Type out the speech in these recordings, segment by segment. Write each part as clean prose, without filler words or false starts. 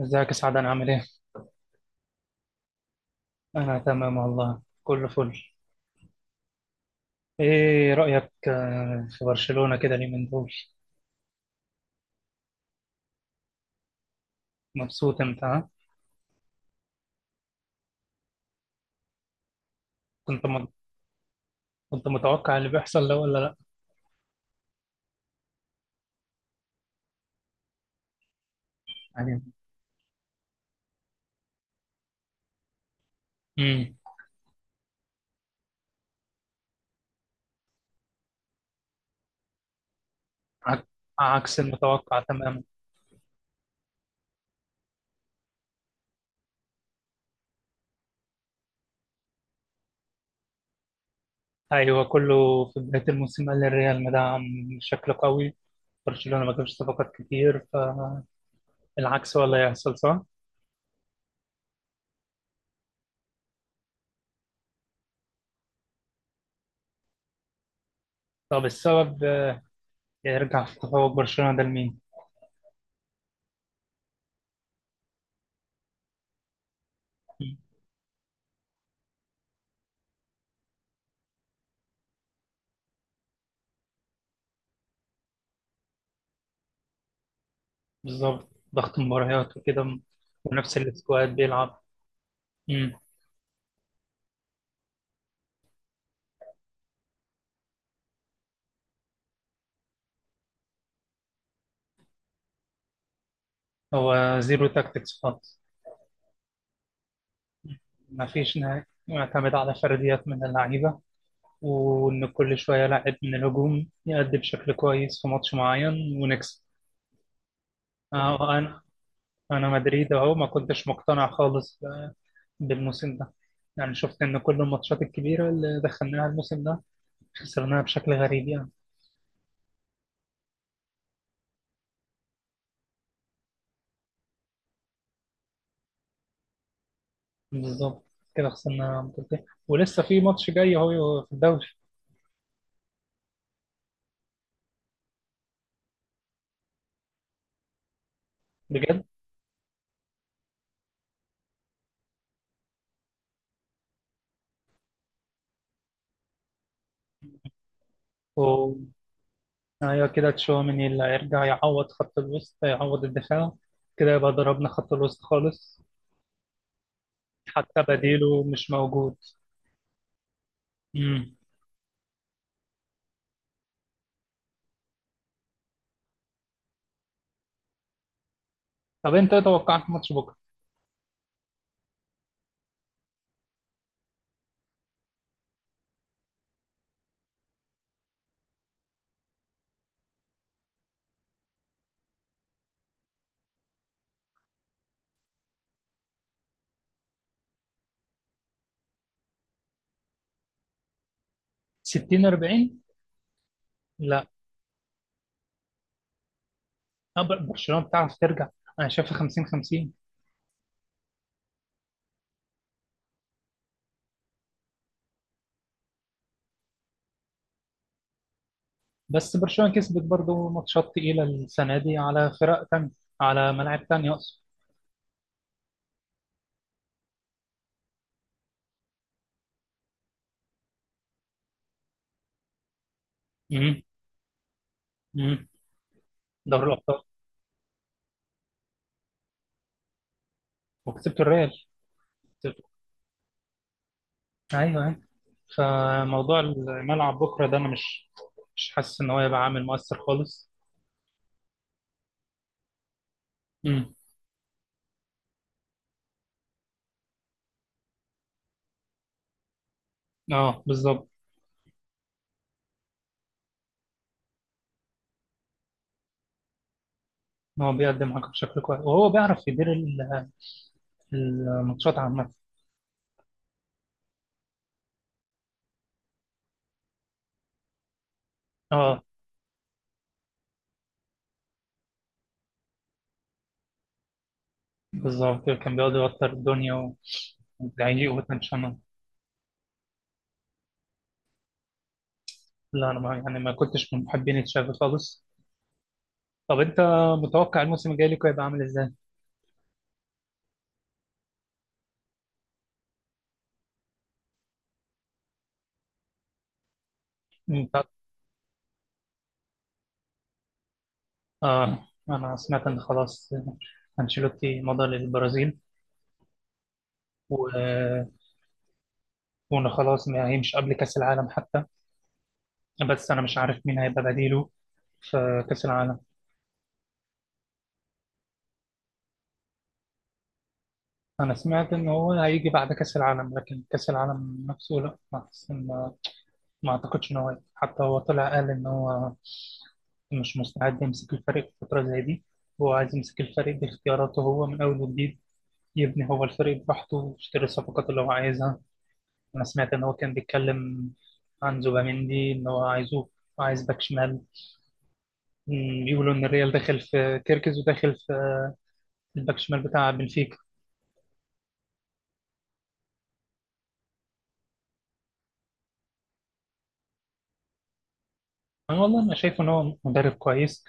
ازيك يا سعد، انا عامل ايه؟ انا تمام والله، كله فل. ايه رأيك في برشلونة كده اليومين دول؟ مبسوط انت، ها؟ كنت م... كنت متوقع اللي بيحصل ده ولا لا؟ يعني، امم عك... عكس المتوقع تماما. ايوه، كله في بداية الموسم قال الريال مدعم بشكل قوي، برشلونة ما جابش صفقات كتير، فالعكس هو اللي هيحصل صح؟ طب السبب يرجع في تفوق برشلونة ده لمين؟ بالظبط، ضغط مباريات وكده. ونفس السكواد بيلعب. مم. هو زيرو تاكتكس خالص. مفيش نهاية، معتمد على فرديات من اللعيبة، وإن كل شوية لاعب من الهجوم يأدي بشكل كويس في ماتش معين ونكسب. آه، أنا أنا مدريد أهو ما كنتش مقتنع خالص بالموسم ده. يعني شفت إن كل الماتشات الكبيرة اللي دخلناها الموسم ده خسرناها بشكل غريب يعني. بالظبط، كده خسرنا بطولتين ولسه في ماتش جاي أهو في الدوري. بجد. ايوه كده، تشواميني اللي هيرجع يعوض خط الوسط يعوض الدفاع، كده يبقى ضربنا خط الوسط خالص. حتى بديله مش موجود. امم طب انت ايه توقعك ماتش بكره؟ 60-40؟ لا، برشلونه بتعرف ترجع، انا شايفها 50-50. بس برشلونه كسبت برضه ماتشات تقيله السنه دي على فرق تانية، على ملاعب تانية اقصد. امم امم دوري الابطال. وكسبت الريال، كسبت. ايوه، أيوة. فموضوع الملعب بكره ده انا مش حاسس ان هو يبقى عامل مؤثر خالص. امم اه بالظبط. هو بيقدم حاجه بشكل كويس، وهو بيعرف يدير الماتشات عامه. اه بالظبط، كان بيقعد يوتر الدنيا والعيق وتنشنه. لا انا، ما يعني ما كنتش من محبين تشافي خالص. طب انت متوقع الموسم الجاي لكم هيبقى عامل ازاي؟ انت. اه، انا سمعت ان خلاص انشيلوتي مضى للبرازيل، و... وان خلاص ما هيمش قبل كاس العالم حتى، بس انا مش عارف مين هيبقى بديله في كاس العالم. انا سمعت ان هو هيجي بعد كاس العالم، لكن كاس العالم نفسه لا. بس ما اعتقدش ان هو هيجي. حتى هو طلع قال ان هو مش مستعد يمسك الفريق في فتره زي دي، هو عايز يمسك الفريق باختياراته هو من اول وجديد، يبني هو الفريق براحته ويشتري الصفقات اللي هو عايزها. انا سمعت ان هو كان بيتكلم عن زوباميندي، ان هو عايزه، عايز باك شمال. بيقولوا ان الريال داخل في كيركز وداخل في الباك شمال بتاع بنفيكا. أنا والله، أنا شايف إن هو مدرب كويس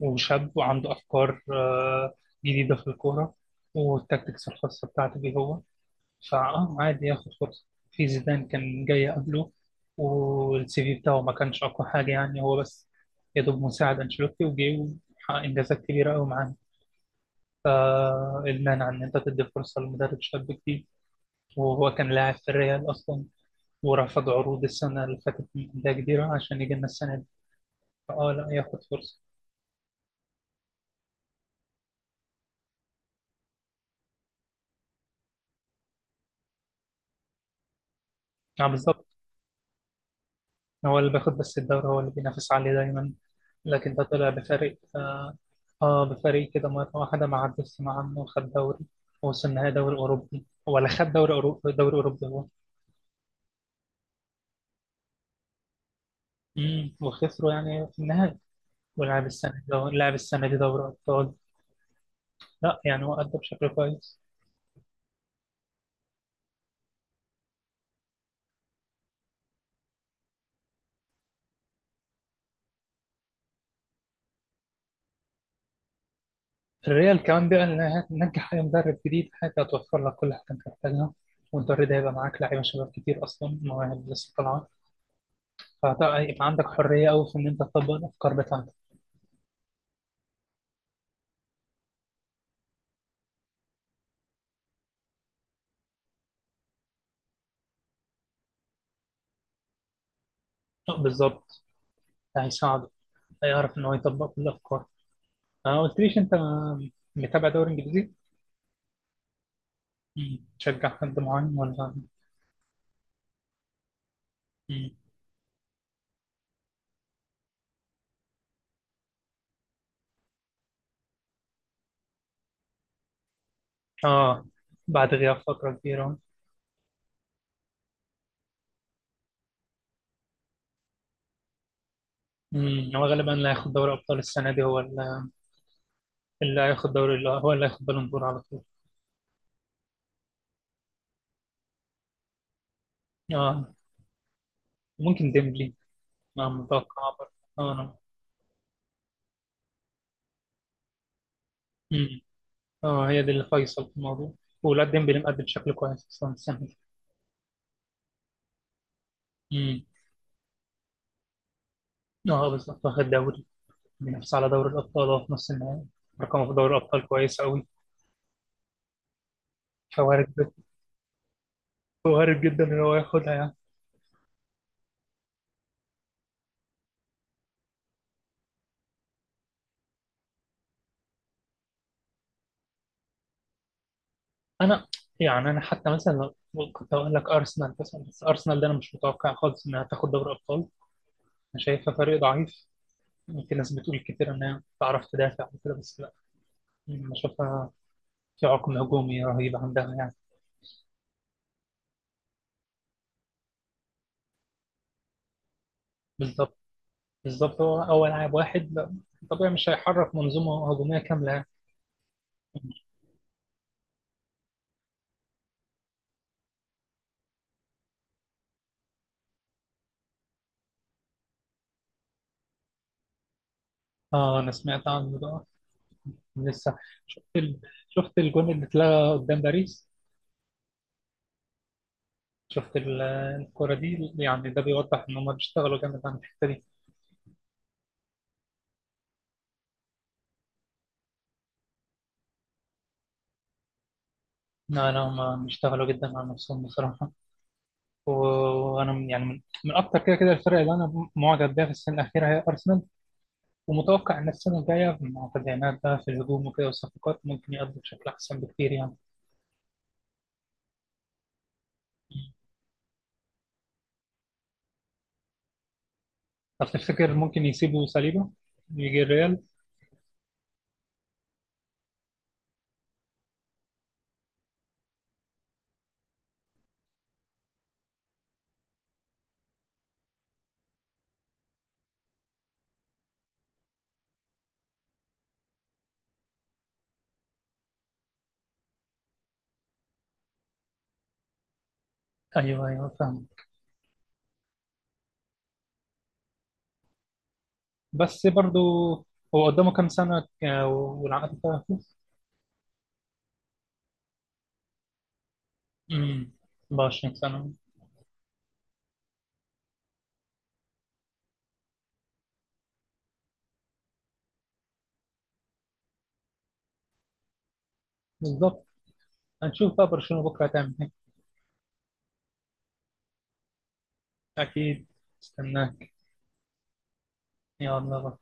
وشاب، وعنده أفكار جديدة في الكورة، والتكتكس الخاصة بتاعته بيه هو، فأه، عادي ياخد فرصة. في زيدان كان جاي قبله، والسي في بتاعه ما كانش أقوى حاجة، يعني هو بس يا دوب مساعد أنشيلوتي، وجه وحقق إنجازات كبيرة أوي معاه. فالمانع إن أنت تدي فرصة لمدرب شاب جديد؟ وهو كان لاعب في الريال أصلا، ورفض عروض السنة اللي فاتت من أندية كبيرة عشان يجي لنا السنة دي. فأه، لا، ياخد فرصة. يعني بالظبط، هو اللي بياخد، بس الدوري هو اللي بينافس عليه دايما، لكن ده طلع بفريق، بفريق كده مرة واحدة ما عدتش مع عنه وخد دوري، ووصل النهائي دوري أوروبي، ولا خد دوري أوروبي، دوري أوروبي هو. وخسروا يعني في النهائي. ولعب السنة دي، لعب السنة دي دوري أبطال. لا يعني هو أدى بشكل كويس. الريال كمان بقى، اللي هتنجح أي مدرب جديد، حاجة هتوفر لك كل حاجة أنت محتاجها، والدوري ده هيبقى معاك لعيبة شباب كتير أصلا، مواهب لسه طالعة، فهيبقى عندك حرية أوي في إن أنت تطبق الأفكار بتاعتك. بالظبط، هيساعده، هيعرف ان هو يطبق كل الافكار. ما قلتليش انت، متابع دوري انجليزي؟ مم. تشجع حد معين ولا؟ مم. اه، بعد غياب فتره كبيره. مم. هو غالبا اللي هياخد دوري ابطال السنه دي هو اللي، اللي هياخد دوري، اللي هو اللي هياخد بالون دور على طول. اه. ممكن ديمبلي. آه، متوقع برضه. اه أنا- مم. اه، هي دي اللي فيصل في الموضوع. ولا ديمبلي مقدم بشكل كويس اصلا السنه دي. مم. اه بالظبط، واخد دوري، بينافس على دوري الأبطال وهو في نص النهائي، رقمه في دوري الأبطال كويس أوي، فوارد. وارد جدا إن هو ياخدها يعني. أنا يعني، أنا حتى مثلا، كنت أقول لك أرسنال مثلا. بس أرسنال ده أنا مش متوقع خالص إنها تاخد دوري أبطال. أنا شايفها فريق ضعيف. في ناس بتقول كتير إنها بتعرف تدافع وكده، بس لا، أنا شايفها في عقم هجومي رهيب عندها يعني. بالظبط، بالظبط، هو لاعب واحد، لا، طبيعي مش هيحرك منظومة هجومية كاملة يعني. آه، أنا سمعت عنه ده لسه. شفت ال... شفت الجون اللي اتلغى قدام باريس؟ شفت الكرة دي؟ يعني ده بيوضح ان هم بيشتغلوا جامد على الحتة دي. لا لا، هم بيشتغلوا جدا على نفسهم بصراحة. و- وانا يعني من اكتر كده كده الفرق اللي انا معجب بيها في السنة الأخيرة هي ارسنال. ومتوقع ان السنة الجاية مع تدعيمات بقى في الهجوم وكده والصفقات، ممكن يقضوا بشكل احسن بكتير يعني. طب تفتكر ممكن يسيبوا صليبه يجي الريال؟ ايوه، ايوه، فاهم. بس برضو هو قدامه كام سنة والعقد بتاعه؟ امم، 24 سنة. بالضبط. هنشوف بقى برشلونة بكرة هتعمل ايه. أكيد، استناك. يا الله.